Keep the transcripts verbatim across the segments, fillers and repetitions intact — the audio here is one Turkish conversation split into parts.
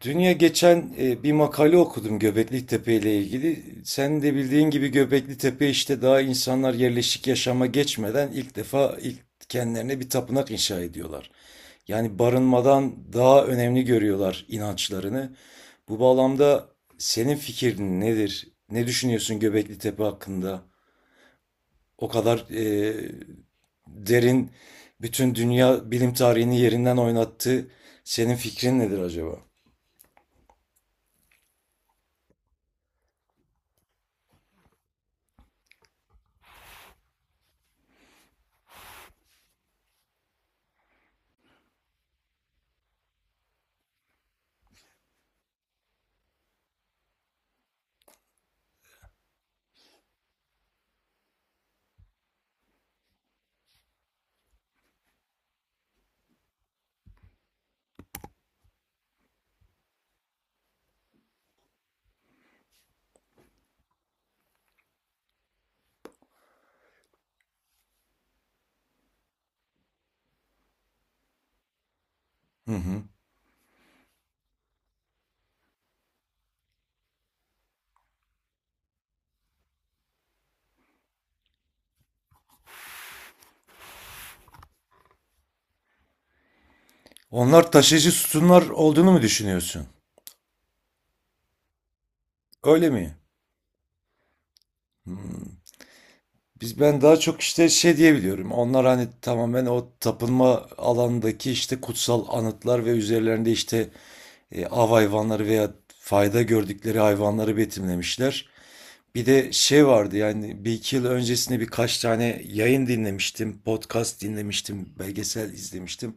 Dünya geçen e, bir makale okudum Göbekli Tepe ile ilgili. Sen de bildiğin gibi Göbekli Tepe işte daha insanlar yerleşik yaşama geçmeden ilk defa ilk kendilerine bir tapınak inşa ediyorlar. Yani barınmadan daha önemli görüyorlar inançlarını. Bu bağlamda senin fikrin nedir? Ne düşünüyorsun Göbekli Tepe hakkında? O kadar e, derin, bütün dünya bilim tarihini yerinden oynattı. Senin fikrin nedir acaba? Hı hı. Onlar taşıyıcı sütunlar olduğunu mu düşünüyorsun? Öyle mi? Hmm. Biz ben daha çok işte şey diyebiliyorum. Onlar hani tamamen o tapınma alanındaki işte kutsal anıtlar ve üzerlerinde işte e, av hayvanları veya fayda gördükleri hayvanları betimlemişler. Bir de şey vardı, yani bir iki yıl öncesinde birkaç tane yayın dinlemiştim, podcast dinlemiştim, belgesel izlemiştim.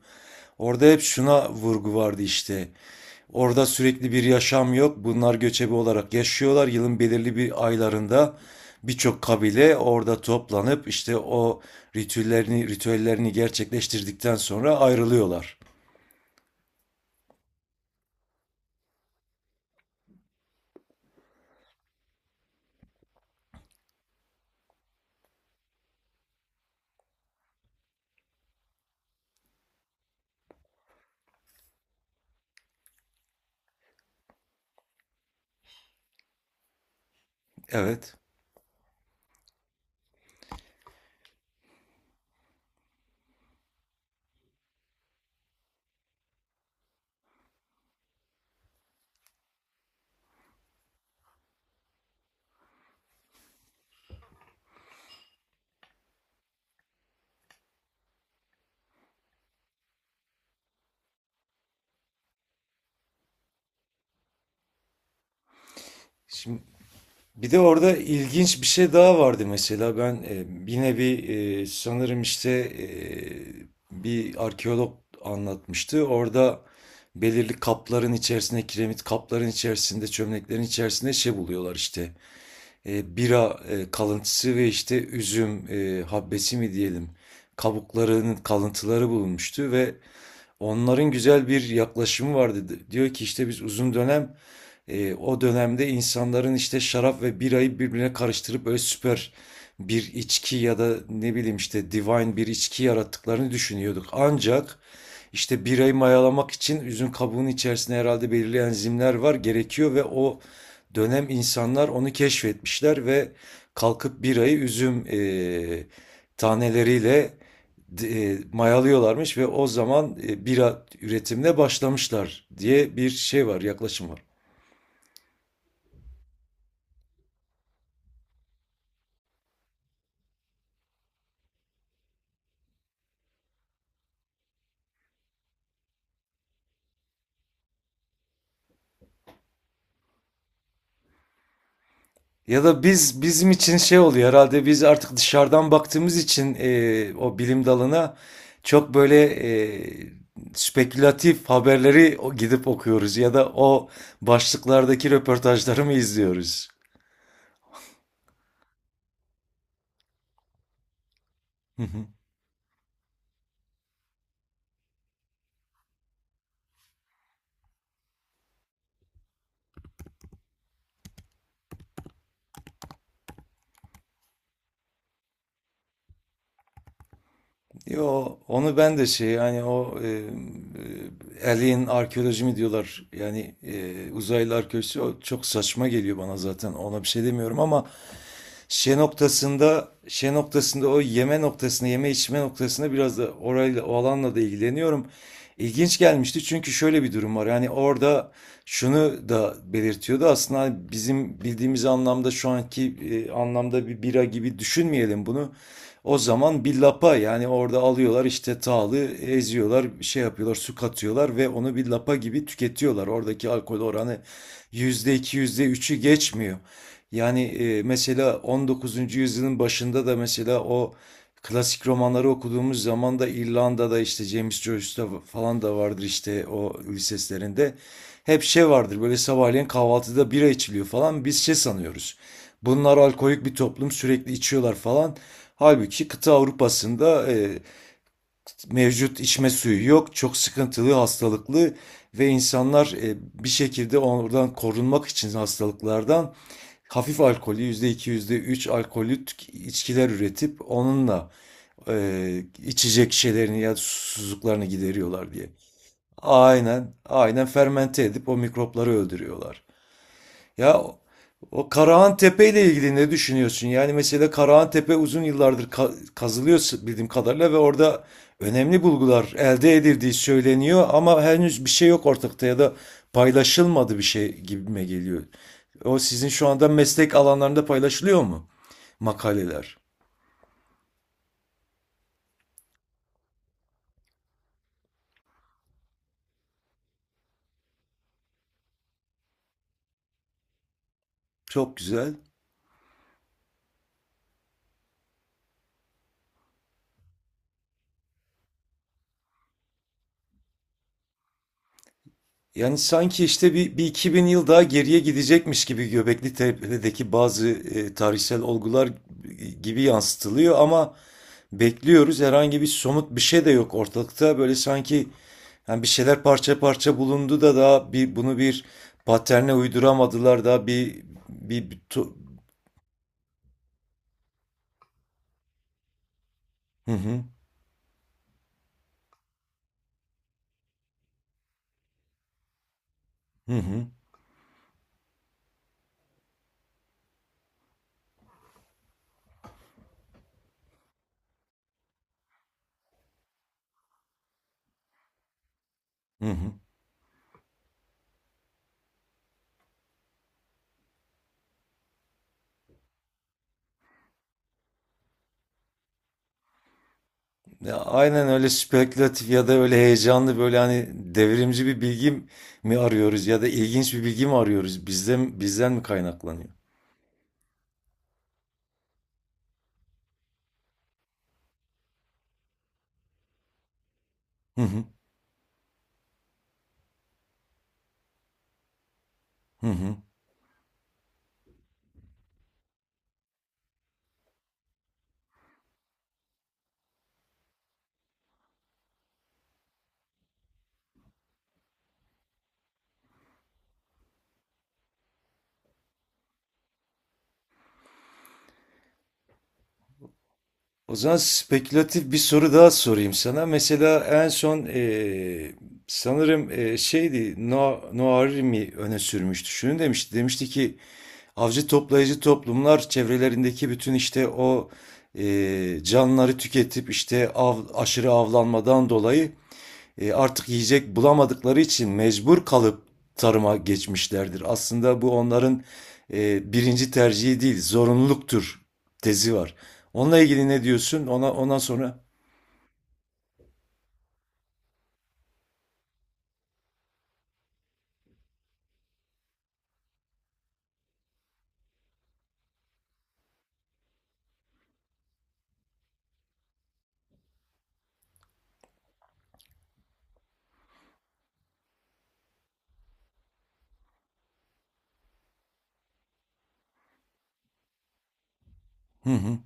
Orada hep şuna vurgu vardı işte. Orada sürekli bir yaşam yok. Bunlar göçebe olarak yaşıyorlar. Yılın belirli bir aylarında birçok kabile orada toplanıp işte o ritüellerini ritüellerini gerçekleştirdikten sonra ayrılıyorlar. Evet. Şimdi bir de orada ilginç bir şey daha vardı. Mesela ben e, yine bir e, sanırım işte e, bir arkeolog anlatmıştı. Orada belirli kapların içerisinde, kiremit kapların içerisinde, çömleklerin içerisinde şey buluyorlar işte. E, bira e, kalıntısı ve işte üzüm e, habbesi mi diyelim, kabuklarının kalıntıları bulunmuştu ve onların güzel bir yaklaşımı vardı. Diyor ki işte biz uzun dönem e, o dönemde insanların işte şarap ve birayı birbirine karıştırıp böyle süper bir içki ya da ne bileyim işte divine bir içki yarattıklarını düşünüyorduk. Ancak işte birayı mayalamak için üzüm kabuğunun içerisinde herhalde belirli enzimler var, gerekiyor ve o dönem insanlar onu keşfetmişler ve kalkıp birayı üzüm e, taneleriyle e, mayalıyorlarmış ve o zaman e, bira üretimine başlamışlar diye bir şey var, yaklaşım var. Ya da biz, bizim için şey oluyor herhalde, biz artık dışarıdan baktığımız için e, o bilim dalına çok böyle e, spekülatif haberleri o- gidip okuyoruz ya da o başlıklardaki röportajları mı izliyoruz? Hı hı. Yo, onu ben de şey, yani o e, e, alien arkeoloji mi diyorlar, yani e, uzaylı arkeoloji, o çok saçma geliyor bana, zaten ona bir şey demiyorum ama Şe noktasında, şe noktasında o yeme noktasında, yeme içme noktasında biraz da orayla, o alanla da ilgileniyorum. İlginç gelmişti çünkü şöyle bir durum var. Yani orada şunu da belirtiyordu. Aslında hani bizim bildiğimiz anlamda, şu anki e, anlamda bir bira gibi düşünmeyelim bunu. O zaman bir lapa, yani orada alıyorlar işte, tağlı eziyorlar, şey yapıyorlar, su katıyorlar ve onu bir lapa gibi tüketiyorlar. Oradaki alkol oranı yüzde iki, yüzde üçü geçmiyor. Yani e, mesela on dokuzuncu yüzyılın başında da, mesela o klasik romanları okuduğumuz zaman da, İrlanda'da işte James Joyce'da falan da vardır işte o liseslerinde. Hep şey vardır, böyle sabahleyin kahvaltıda bira içiliyor falan, biz şey sanıyoruz: bunlar alkolik bir toplum, sürekli içiyorlar falan. Halbuki kıta Avrupa'sında e, mevcut içme suyu yok, çok sıkıntılı, hastalıklı ve insanlar e, bir şekilde oradan, korunmak için hastalıklardan hafif alkolü, yüzde iki yüzde üç alkolü tük- içkiler üretip onunla e, içecek şeylerini ya da susuzluklarını gideriyorlar diye. Aynen, aynen, fermente edip o mikropları öldürüyorlar. Ya o Karahan Tepe ile ilgili ne düşünüyorsun? Yani mesela Karahan Tepe uzun yıllardır ka- kazılıyor bildiğim kadarıyla ve orada önemli bulgular elde edildiği söyleniyor ama henüz bir şey yok ortakta, ya da paylaşılmadı bir şey gibime geliyor. O sizin şu anda meslek alanlarında paylaşılıyor mu? Makaleler. Çok güzel. Yani sanki işte bir, bir iki bin yıl daha geriye gidecekmiş gibi, Göbekli Tepe'deki bazı e, tarihsel olgular gibi yansıtılıyor ama bekliyoruz. Herhangi bir somut bir şey de yok ortalıkta. Böyle sanki yani bir şeyler parça parça bulundu da, daha bir, bunu bir paterne uyduramadılar da bir bir, bir tu- hı hı, hı hı, hı hı. Ya aynen öyle, spekülatif ya da öyle heyecanlı, böyle hani devrimci bir bilgi mi arıyoruz ya da ilginç bir bilgi mi arıyoruz? Bizden bizden mi kaynaklanıyor? Hı hı, hı hı. O zaman spekülatif bir soru daha sorayım sana. Mesela en son eee, sanırım eee, şeydi, No- Noarimi öne sürmüştü. Şunu demişti. Demişti ki avcı toplayıcı toplumlar çevrelerindeki bütün işte o eee, canlıları tüketip işte av, aşırı avlanmadan dolayı e, artık yiyecek bulamadıkları için mecbur kalıp tarıma geçmişlerdir. Aslında bu onların e, birinci tercihi değil, zorunluluktur tezi var. Onunla ilgili ne diyorsun? Ona ondan sonra, hı hı.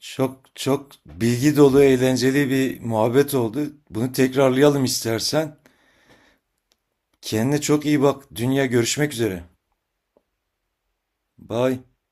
Çok çok bilgi dolu, eğlenceli bir muhabbet oldu. Bunu tekrarlayalım istersen. Kendine çok iyi bak. Dünya görüşmek üzere. Bye.